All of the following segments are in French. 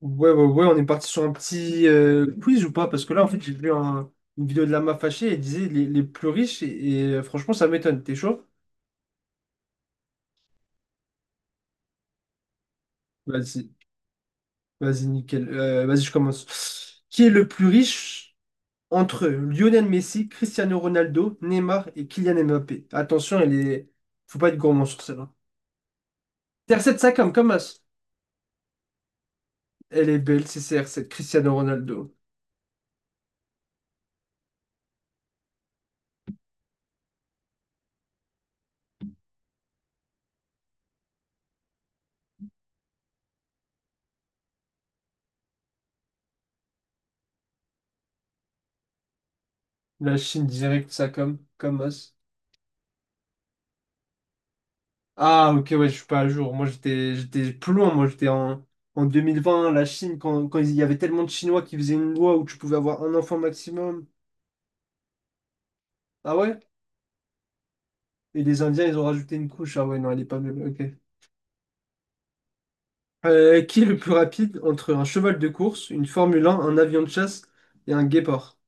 Ouais, ouais, ouais, on est parti sur un petit quiz ou pas? Parce que là, en fait, une vidéo de Lama Fâché et elle disait les plus riches et franchement, ça m'étonne. T'es chaud? Vas-y, vas-y, nickel. Vas-y, je commence. Qui est le plus riche entre Lionel Messi, Cristiano Ronaldo, Neymar et Kylian Mbappé? Attention, elle est. Faut pas être gourmand sur celle-là. CR7 Sakam, comme as. Elle est belle, c'est CR7, Cristiano Ronaldo. La Chine direct, Sakam, comme as. Ah, ok, ouais, je suis pas à jour. Moi, j'étais plus loin. Moi, j'étais en 2020 la Chine, quand il y avait tellement de Chinois qui faisaient une loi où tu pouvais avoir un enfant maximum. Ah ouais? Et les Indiens, ils ont rajouté une couche. Ah ouais, non, elle est pas belle. Ok. Qui est le plus rapide entre un cheval de course, une Formule un avion de chasse et un guépard?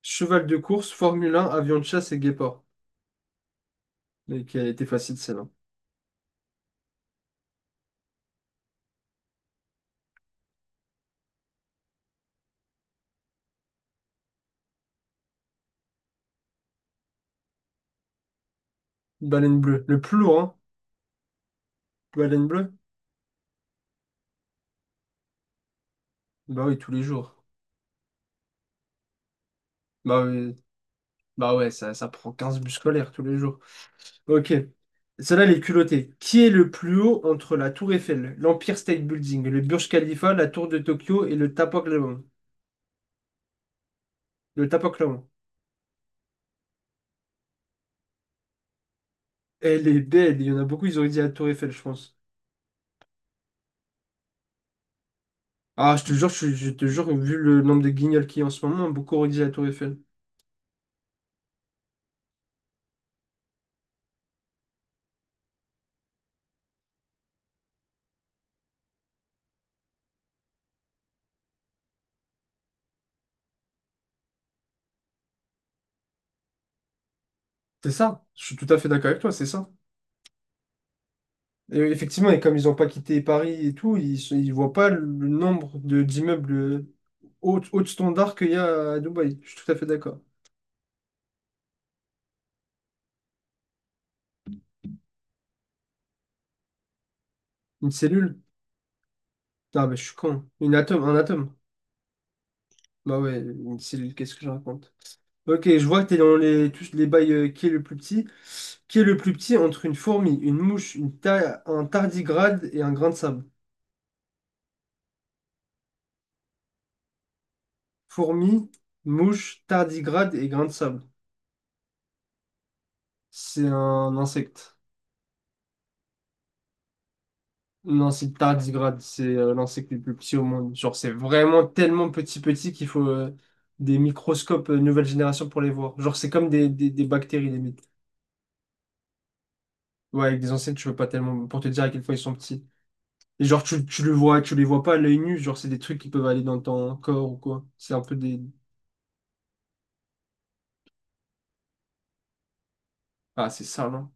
Cheval de course, Formule 1 avion de chasse et guépard. Mais qui a été facile, celle-là. Baleine bleue. Le plus lourd, hein. Ouais, laine bleue? Bah oui, tous les jours. Bah oui. Bah ouais, ça prend 15 bus scolaires tous les jours. Ok. Celle-là, elle est culottée. Qui est le plus haut entre la Tour Eiffel, l'Empire State Building, le Burj Khalifa, la Tour de Tokyo et le Tapoklavon? Le Tapoklavon. Elle est belle. Il y en a beaucoup, ils auraient dit la Tour Eiffel, je pense. Ah, je te jure, je te jure, vu le nombre de guignols qu'il y a en ce moment, beaucoup auraient dit la Tour Eiffel. C'est ça. Je suis tout à fait d'accord avec toi, c'est ça. Et effectivement, et comme ils n'ont pas quitté Paris et tout, ils voient pas le nombre de d'immeubles haut de standard qu'il y a à Dubaï. Je suis tout à fait d'accord. Une cellule? Ah, mais je suis con. Une atome, un atome. Bah ouais, une cellule, qu'est-ce que je raconte? Ok, je vois que t'es dans tous les bails, qui est le plus petit. Qui est le plus petit entre une fourmi, une mouche, un tardigrade et un grain de sable? Fourmi, mouche, tardigrade et grain de sable. C'est un insecte. Non, c'est tardigrade, c'est l'insecte le plus petit au monde. Genre, c'est vraiment tellement petit petit qu'il faut, des microscopes nouvelle génération pour les voir. Genre, c'est comme des bactéries limite. Ouais, avec des insectes, tu peux pas tellement pour te dire à quel point ils sont petits. Et genre, tu les vois pas à l'œil nu, genre, c'est des trucs qui peuvent aller dans ton corps ou quoi. C'est un peu des. Ah, c'est ça, non?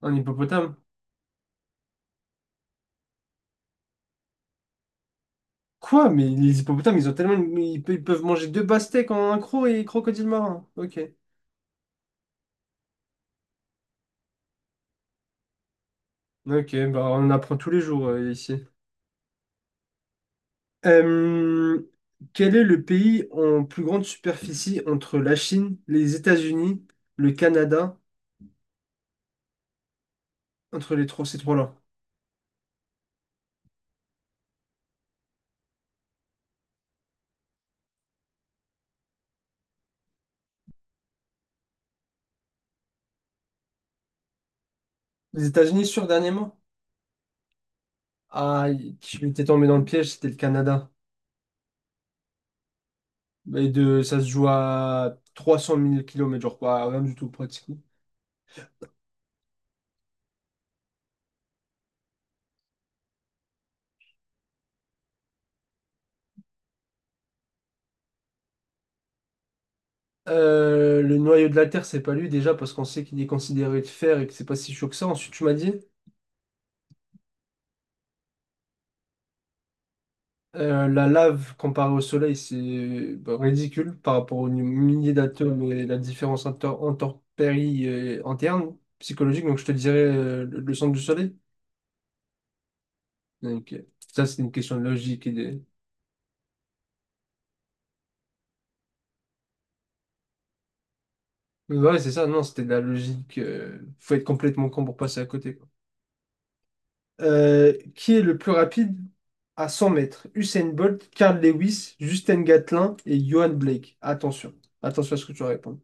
Un hippopotame? Quoi? Mais les hippopotames, ils ont tellement. Mais ils peuvent manger deux pastèques en un croc et crocodile marin. Ok. Ok, bah on apprend tous les jours, ici. Euh, Quel est le pays en plus grande superficie entre la Chine, les États-Unis, le Canada, entre les trois, ces trois-là? Les États-Unis sur dernièrement? Ah, je m'étais tombé dans le piège, c'était le Canada. Ça se joue à 300 000 km, genre quoi, rien du tout pratique. Le noyau de la Terre, c'est pas lui déjà parce qu'on sait qu'il est considéré de fer et que c'est pas si chaud que ça. Ensuite, tu m'as dit, la lave comparée au Soleil, c'est bah, ridicule par rapport aux milliers d'atomes et la différence intempérie et interne psychologique. Donc, je te dirais, le centre du Soleil. Donc, ça, c'est une question de logique. Mais ouais, c'est ça. Non, c'était de la logique. Faut être complètement con pour passer à côté. Qui est le plus rapide à 100 mètres? Usain Bolt, Carl Lewis, Justin Gatlin et Johan Blake. Attention, attention à ce que tu vas répondre.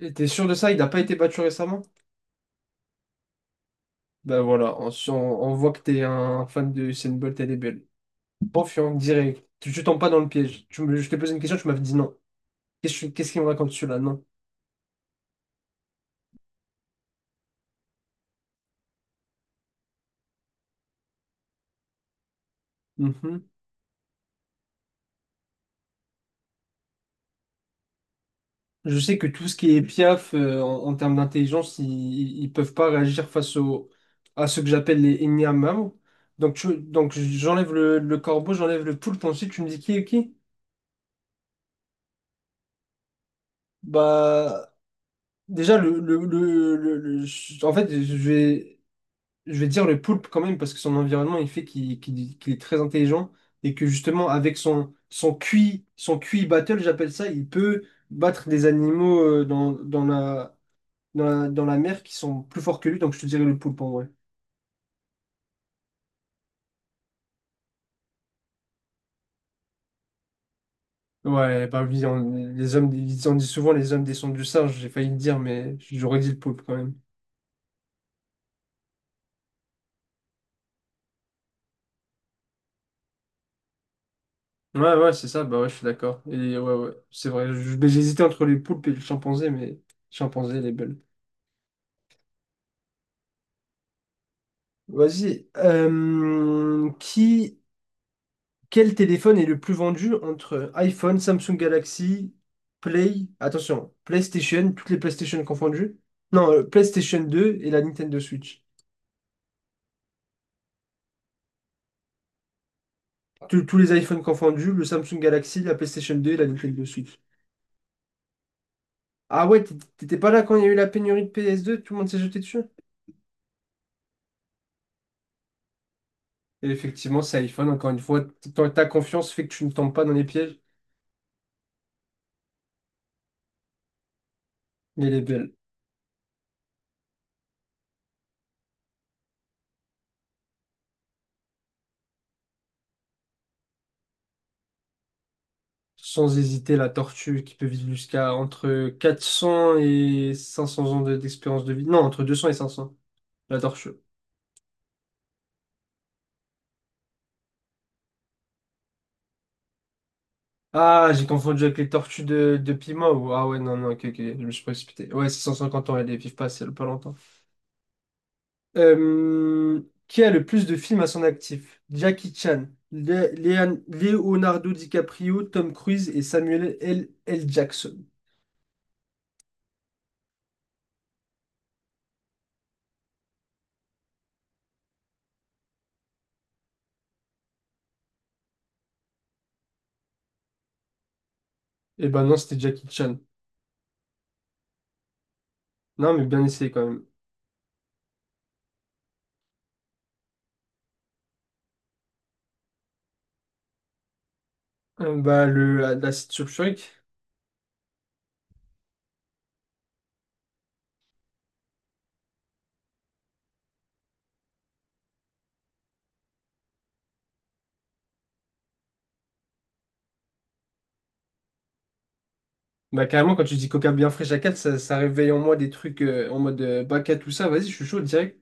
Et t'es sûr de ça? Il n'a pas été battu récemment? Ben voilà, on, si on- on voit que t'es un fan de Usain Bolt, elle est belle. Confiant, direct. Tu tombes pas dans le piège. Je t'ai posé une question, tu m'avais dit non. Qu'est-ce qu'il me raconte celui-là? Non. Mhm. Je sais que tout ce qui est Piaf, en termes d'intelligence, ils peuvent pas réagir face à ce que j'appelle les Nyamam. Donc, j'enlève le corbeau, j'enlève le poulpe, ensuite tu me dis qui est qui? Bah, déjà, en fait, je vais dire le poulpe quand même, parce que son environnement, il fait qu'il est très intelligent, et que justement, avec son QI, son QI battle, j'appelle ça, il peut battre des animaux, dans la mer qui sont plus forts que lui, donc je te dirais le poulpe en vrai. Ouais, bah oui, les hommes, ils en disent souvent les hommes descendent du singe, j'ai failli le dire, mais j'aurais dit le poulpe quand même. Ouais, ouais, c'est ça, bah ouais, je suis d'accord. Et ouais, ouais, c'est vrai, mais j'hésitais entre les poulpes et le chimpanzé, mais le chimpanzé, il est belle. Vas-y, quel téléphone est le plus vendu entre iPhone, Samsung Galaxy, attention, PlayStation, toutes les PlayStation confondues? Non, PlayStation 2 et la Nintendo Switch. Tous les iPhones confondus, le Samsung Galaxy, la PlayStation 2 et la Nintendo Switch. Ah ouais, t'étais pas là quand il y a eu la pénurie de PS2, tout le monde s'est jeté dessus. Et effectivement, c'est iPhone, encore une fois, ta confiance fait que tu ne tombes pas dans les pièges, mais elle est belle. Sans hésiter, la tortue qui peut vivre jusqu'à entre 400 et 500 ans d'expérience de vie. Non, entre 200 et 500, la tortue. Ah, j'ai confondu avec les tortues de Pima ou... Ah ouais, non, non, ok, ok, je me suis précipité. Ouais, c'est 150 ans, elles ne vivent pas, c'est pas longtemps. Euh, qui a le plus de films à son actif? Jackie Chan, Leonardo DiCaprio, Tom Cruise et Samuel L. Jackson. Eh ben non, c'était Jackie Chan. Non, mais bien essayé quand même. Bah, le, la la sulfurique. Bah, carrément, quand tu dis coca bien frais à 4, ça réveille en moi des trucs, en mode, Baka, tout ça. Vas-y, je suis chaud direct.